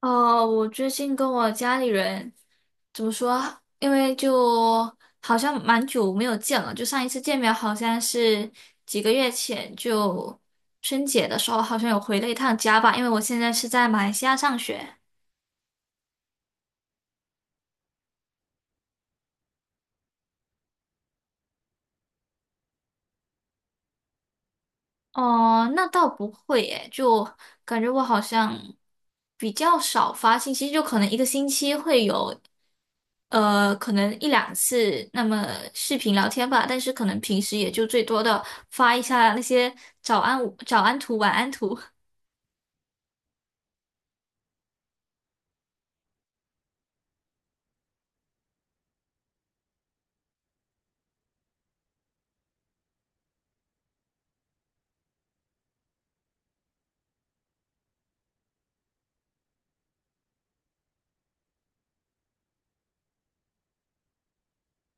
哦，我最近跟我家里人怎么说啊因为就好像蛮久没有见了，就上一次见面好像是几个月前，就春节的时候好像有回了一趟家吧。因为我现在是在马来西亚上学。哦，那倒不会诶，就感觉我好像比较少发信息，就可能一个星期会有，可能一两次那么视频聊天吧，但是可能平时也就最多的发一下那些早安图、晚安图。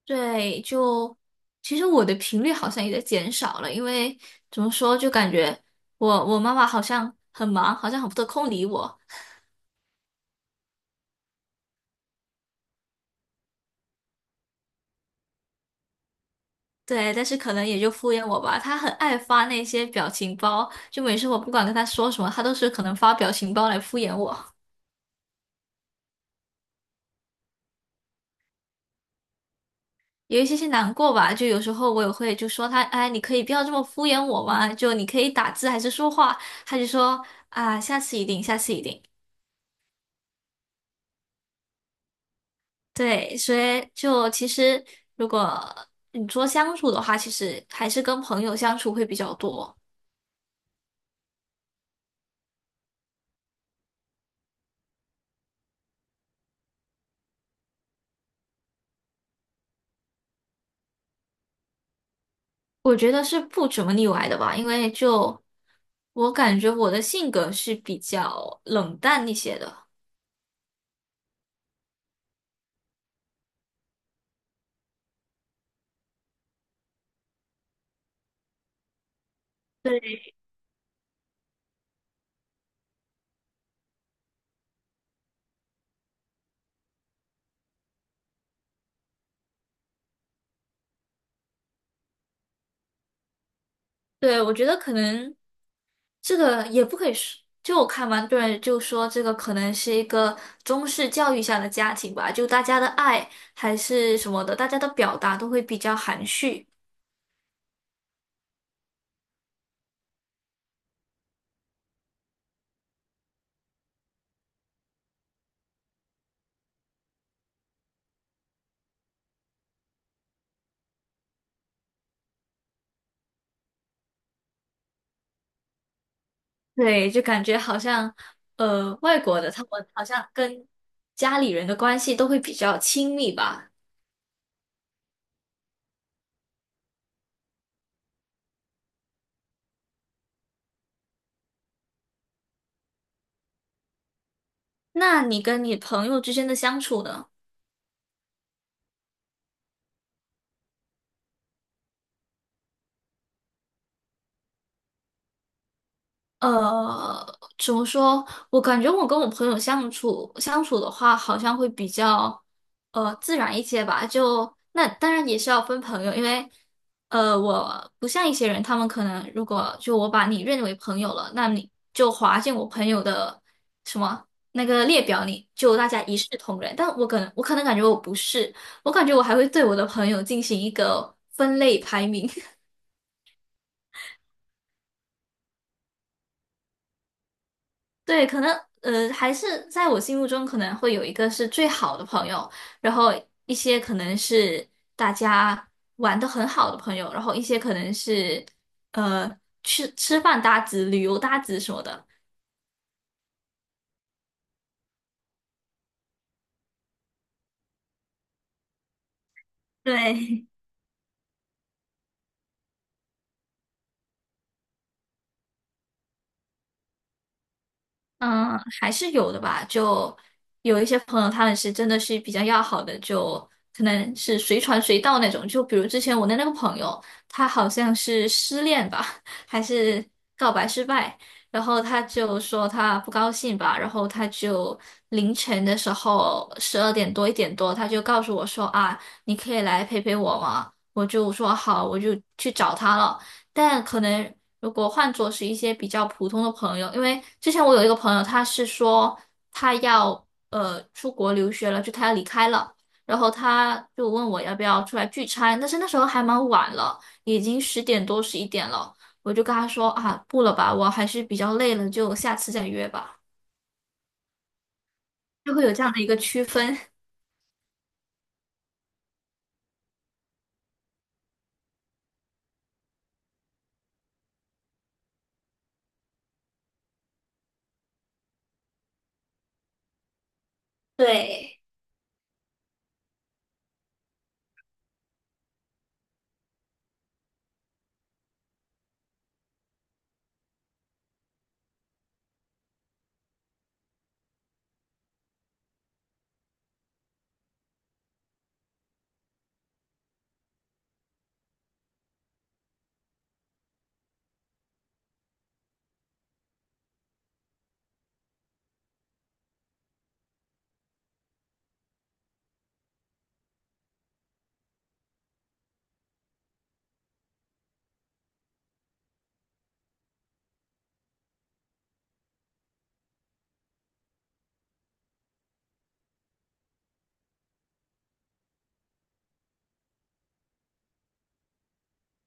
对，就其实我的频率好像也在减少了，因为怎么说，就感觉我妈妈好像很忙，好像很不得空理我。对，但是可能也就敷衍我吧。他很爱发那些表情包，就每次我不管跟他说什么，他都是可能发表情包来敷衍我，有一些些难过吧。就有时候我也会就说他，哎，你可以不要这么敷衍我嘛，就你可以打字还是说话，他就说啊，下次一定，下次一定。对，所以就其实如果你说相处的话，其实还是跟朋友相处会比较多。我觉得是不怎么腻歪的吧，因为就我感觉我的性格是比较冷淡一些的。对，对，我觉得可能这个也不可以说，就我看完多人就说这个可能是一个中式教育下的家庭吧，就大家的爱还是什么的，大家的表达都会比较含蓄。对，就感觉好像外国的他们好像跟家里人的关系都会比较亲密吧。那你跟你朋友之间的相处呢？呃，怎么说？我感觉我跟我朋友相处相处的话，好像会比较自然一些吧。就那当然也是要分朋友，因为我不像一些人，他们可能如果就我把你认为朋友了，那你就划进我朋友的什么那个列表里，就大家一视同仁。但我可能感觉我不是，我感觉我还会对我的朋友进行一个分类排名。对，可能还是在我心目中可能会有一个是最好的朋友，然后一些可能是大家玩的很好的朋友，然后一些可能是吃饭搭子、旅游搭子什么的。对，嗯，还是有的吧。就有一些朋友，他们是真的是比较要好的，就可能是随传随到那种。就比如之前我的那个朋友，他好像是失恋吧，还是告白失败，然后他就说他不高兴吧，然后他就凌晨的时候12点多1点多，他就告诉我说啊，你可以来陪陪我吗？我就说好，我就去找他了。但可能如果换作是一些比较普通的朋友，因为之前我有一个朋友，他是说他要出国留学了，就他要离开了，然后他就问我要不要出来聚餐，但是那时候还蛮晚了，已经10点多11点了，我就跟他说啊，不了吧，我还是比较累了，就下次再约吧，就会有这样的一个区分。对。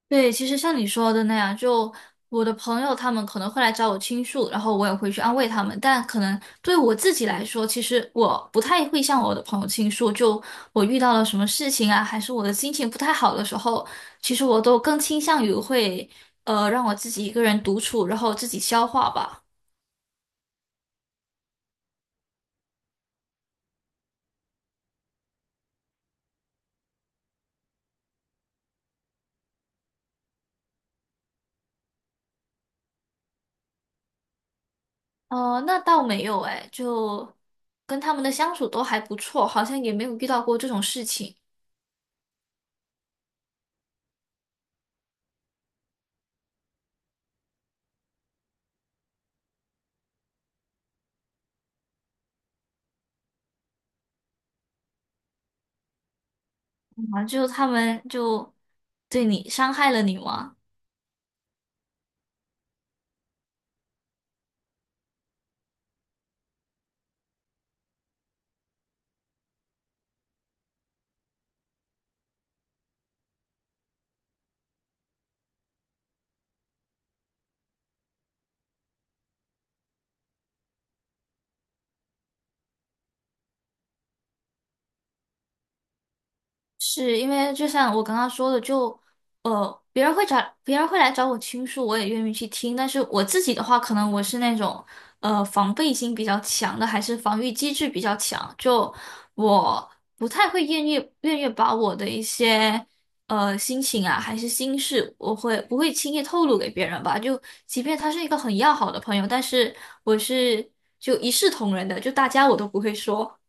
对，其实像你说的那样，就我的朋友他们可能会来找我倾诉，然后我也会去安慰他们。但可能对我自己来说，其实我不太会向我的朋友倾诉。就我遇到了什么事情啊，还是我的心情不太好的时候，其实我都更倾向于会让我自己一个人独处，然后自己消化吧。哦，那倒没有哎，就跟他们的相处都还不错，好像也没有遇到过这种事情啊，就他们就对你伤害了你吗？是因为就像我刚刚说的，就呃，别人会找别人会来找我倾诉，我也愿意去听。但是我自己的话，可能我是那种防备心比较强的，还是防御机制比较强，就我不太会愿意把我的一些心情啊，还是心事，我会不会轻易透露给别人吧？就即便他是一个很要好的朋友，但是我是就一视同仁的，就大家我都不会说。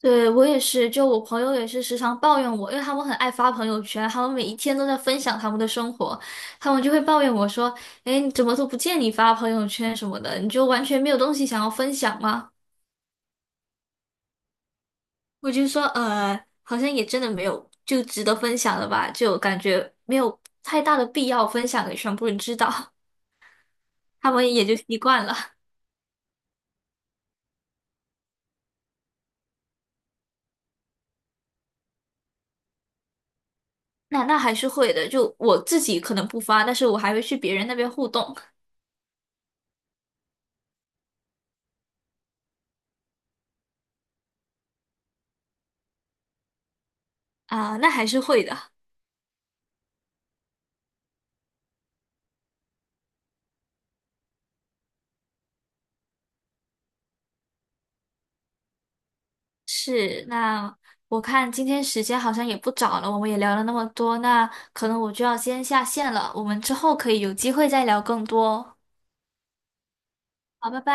对，我也是，就我朋友也是时常抱怨我，因为他们很爱发朋友圈，他们每一天都在分享他们的生活，他们就会抱怨我说：“哎，你怎么都不见你发朋友圈什么的，你就完全没有东西想要分享吗？”我就说：好像也真的没有，就值得分享了吧，就感觉没有太大的必要分享给全部人知道，他们也就习惯了。那还是会的，就我自己可能不发，但是我还会去别人那边互动啊，那还是会的。”是，那我看今天时间好像也不早了，我们也聊了那么多，那可能我就要先下线了，我们之后可以有机会再聊更多哦。好，拜拜。